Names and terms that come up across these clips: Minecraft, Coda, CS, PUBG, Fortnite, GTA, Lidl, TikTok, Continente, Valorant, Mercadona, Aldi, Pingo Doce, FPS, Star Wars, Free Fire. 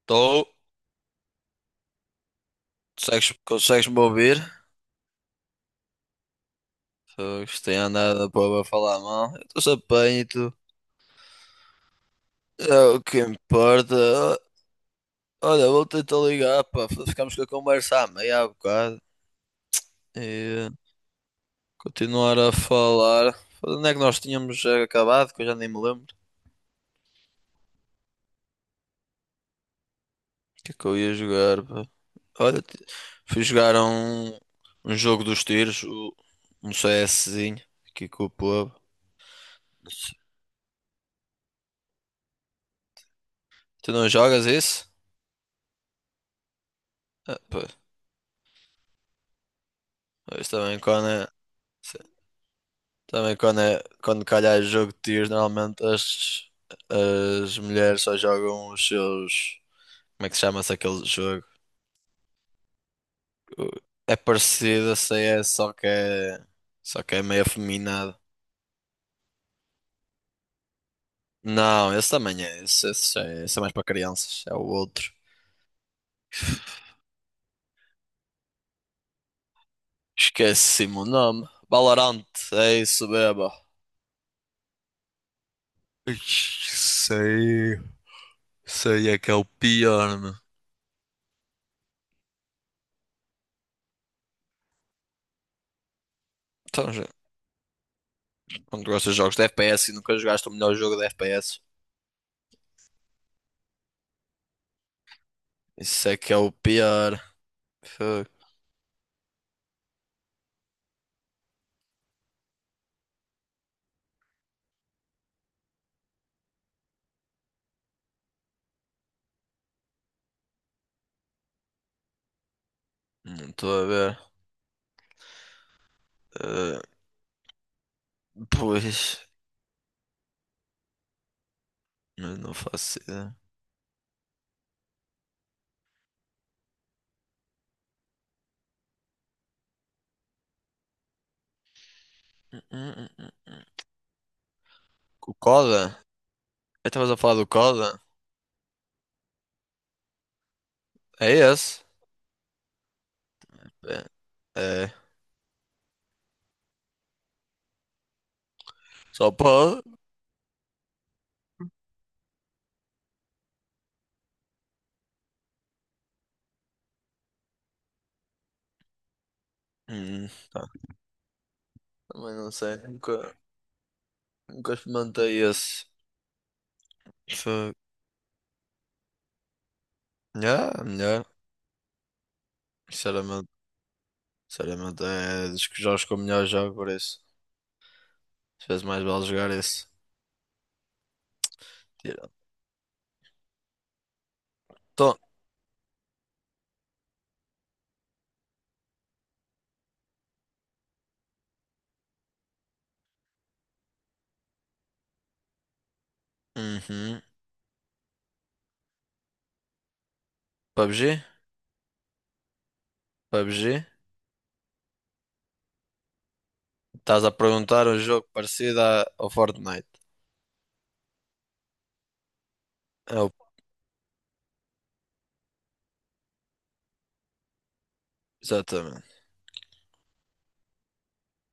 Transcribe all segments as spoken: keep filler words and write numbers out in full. Estou. Consegues, consegues-me ouvir? Fogo, isto tem andado para falar mal. Eu estou-se bem e tu? É o que importa. Ó, olha, vou tentar ligar, pá. Ficamos com a conversa à meia há bocado. E eh, continuar a falar. Foda, onde é que nós tínhamos eh, acabado? Que eu já nem me lembro. O que é que eu ia jogar, pá? Olha, ti- fui jogar um, um jogo dos tiros, o- um CSzinho, aqui com o povo. Tu não jogas isso? Ah, pô, isto também quando é. Também quando, é, quando calhar é jogo de tiros, normalmente as, as mulheres só jogam os seus. Como é que chama-se aquele jogo? O- É parecido a C S, só que é, só que é meio afeminado. Não, esse também é. Esse, esse, é, esse é mais para crianças. É o outro. Esqueci-me o nome. Valorant, é isso, beba. Ixi, sei aí, é que é o pior, meu. Então, já- quando gostas de jogos de F P S e nunca jogaste o melhor jogo de F P S? Isso é que é o pior. Fuck. Não estou a ver. Eh, Pois, mas não faço ideia. Hum, hum, hum. hum. O Coda? Eu Estavas a falar do Coda? É esse? É. É. Só pode? Hum, tá. Também não sei. Nunca, nunca experimentei esse. Fuck. Yeah, melhor. Sinceramente. Sinceramente, é dos que jogos que eu melhor jogo por isso. Às vezes mais vale jogar esse. Tira. Então, uhum. pubg? P U B G? Estás a perguntar um jogo parecido à- ao Fortnite. É o- Exatamente.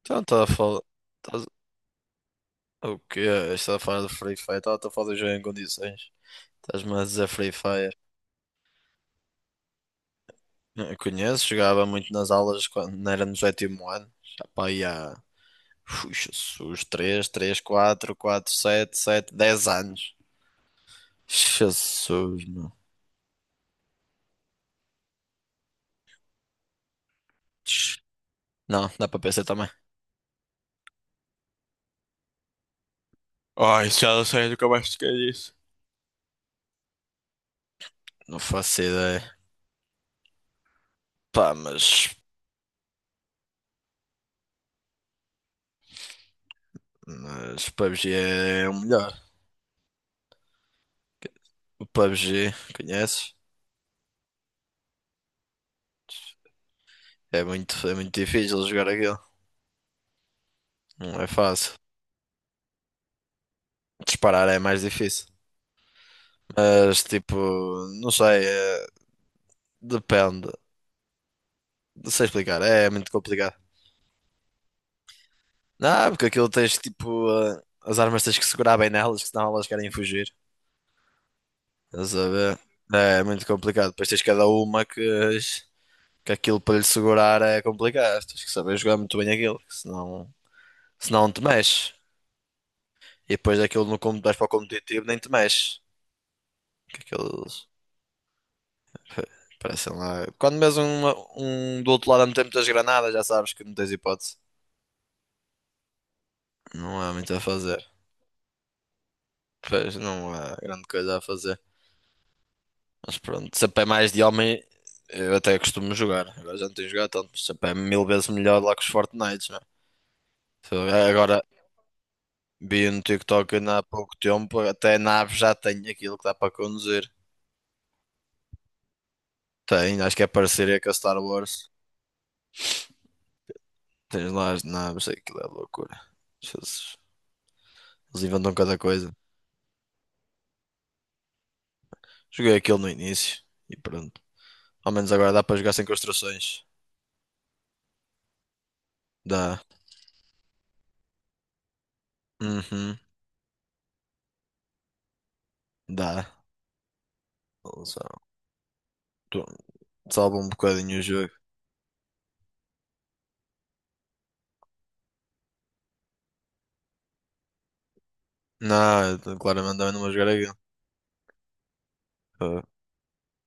Então estás a falar. Estás... O quê? Estás a falar do Free Fire? Estava a falar do jogo em condições. Estás-me a dizer Free Fire. Não, conheço, jogava muito nas aulas quando não era no sétimo ano. Já pá, aí há. Ui, Jesus, três, três, quatro, quatro, sete, sete, dez anos. Jesus, meu. Não, dá para P C também. Ai, já não sei, nunca mais toquei nisso. Não faço ideia. Pá, mas Mas pubg é o melhor. O pubg, conheces? É muito, é muito difícil jogar aquilo. Não é fácil. Disparar é mais difícil. Mas tipo, não sei, é- depende. Não sei explicar, é muito complicado. Não, porque aquilo tens tipo, eh, as armas tens que segurar bem nelas, que senão elas querem fugir. Estás a ver? É é muito complicado. Depois tens cada uma que, que aquilo para lhe segurar é complicado. Tens que saber jogar muito bem aquilo, que senão, senão te mexes. E depois daquilo no como vais para o competitivo nem te mexes. Que aqueles parecem lá. Quando mesmo um, um do outro lado a meter muitas granadas, já sabes que não tens hipótese. Não há muito a fazer. Pois não há grande coisa a fazer. Mas pronto, se a pé é mais de homem, eu até costumo jogar. Agora já não tenho jogado tanto, mas se a pé é mil vezes melhor lá que os Fortnites, não é? Se eu- Agora vi no TikTok ainda há pouco tempo, até a nave já tem aquilo que dá para conduzir. Tem, acho que é parceria com a Star Wars. Tens lá as naves, aquilo é loucura. Jesus, eles inventam cada coisa. Joguei aquilo no início e pronto. Ao menos agora dá para jogar sem construções. Dá. Uhum, dá. Só- tu- Salva um bocadinho o jogo. Não, eu claramente também não vou jogar aquilo. Ah,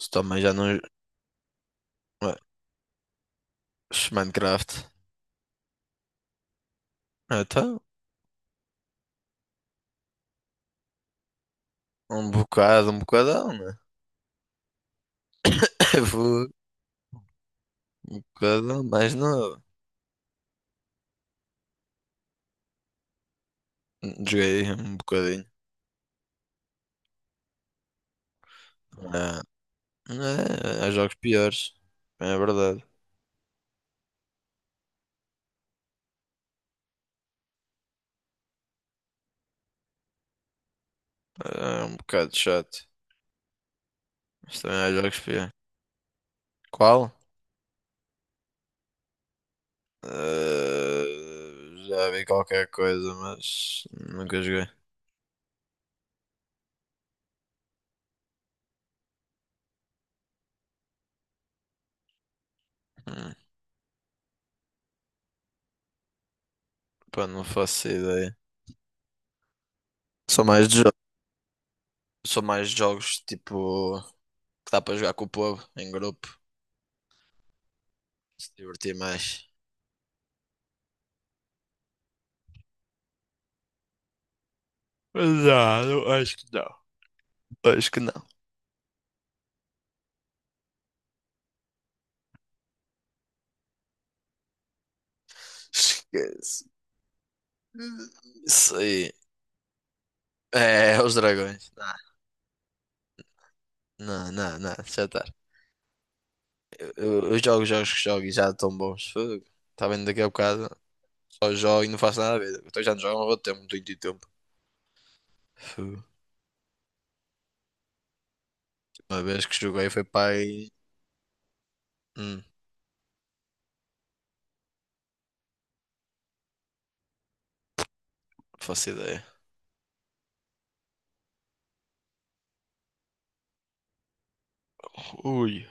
se também já não. Ué, Minecraft. Ah, então, um bocado, um bocadão, né? Vou um bocadão, mas não. Joguei um bocadinho. Ah, é, há jogos piores. É verdade. É um bocado chato. Mas também há jogos pior. Qual? Eh, já vi qualquer coisa, mas nunca joguei. Hum, Pá, não faço ideia. Sou mais de jogos. Sou mais de jogos tipo que dá para jogar com o povo em grupo. Se divertir mais. Mas não, não, acho que não. Acho que não. Esquece. Isso aí. É, é os dragões. Não, não, não, não, já está. Eu, eu jogo jogos que jogo e já estão bons. Fogo. Está bem daqui a bocado. Só jogo e não faço nada a ver. Então já não jogo há muito tempo, não tenho tempo. Fogo. Uma vez que joguei foi para aí. Hum, não faço ideia. Ui.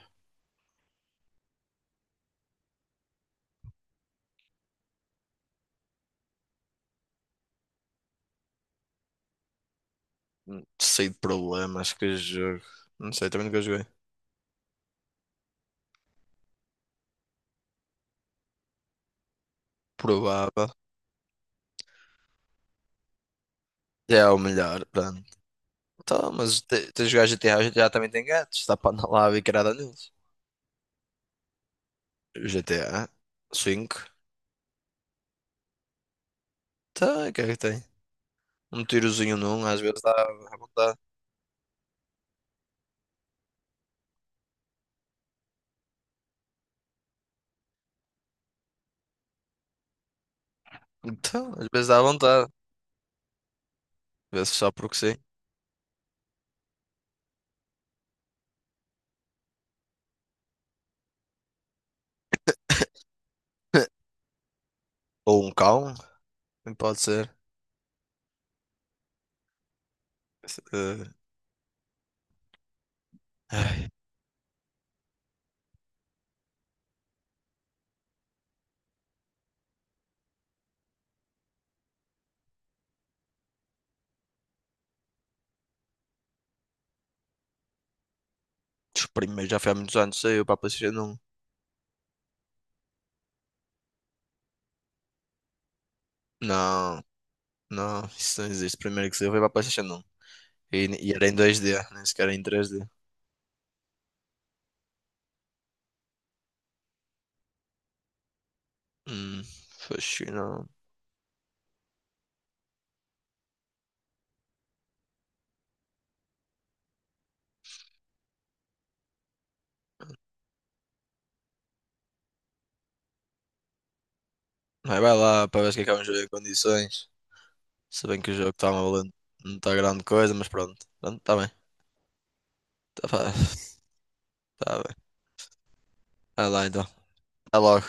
Sei de problemas que jogo. Não sei, também nunca joguei. Provável. Já é o melhor, pronto. Então, mas te- tens de jogar G T A, o G T A também tem gatos. Está para andar lá a bicarada neles. G T A cinco, tá, o que é que tem? Um tirozinho num, às vezes dá à vontade. Então, às vezes dá à vontade. Às vezes só porque sim. Ou um cão, também pode ser. Eh, Ai, os primeiros já foi há muitos anos, saiu para a PlayStation um. Não, não, isso não existe. O primeiro que saiu foi para a PlayStation um. E, e era em dois D, nem sequer era em três D. Hum, fascinante. Mas vai lá para ver se que é que vamos ver em condições. Se bem que o jogo está valendo, não está grande coisa, mas pronto. Pronto, está bem. Está, tá, fa- Tá bem. Vai lá então. Até logo.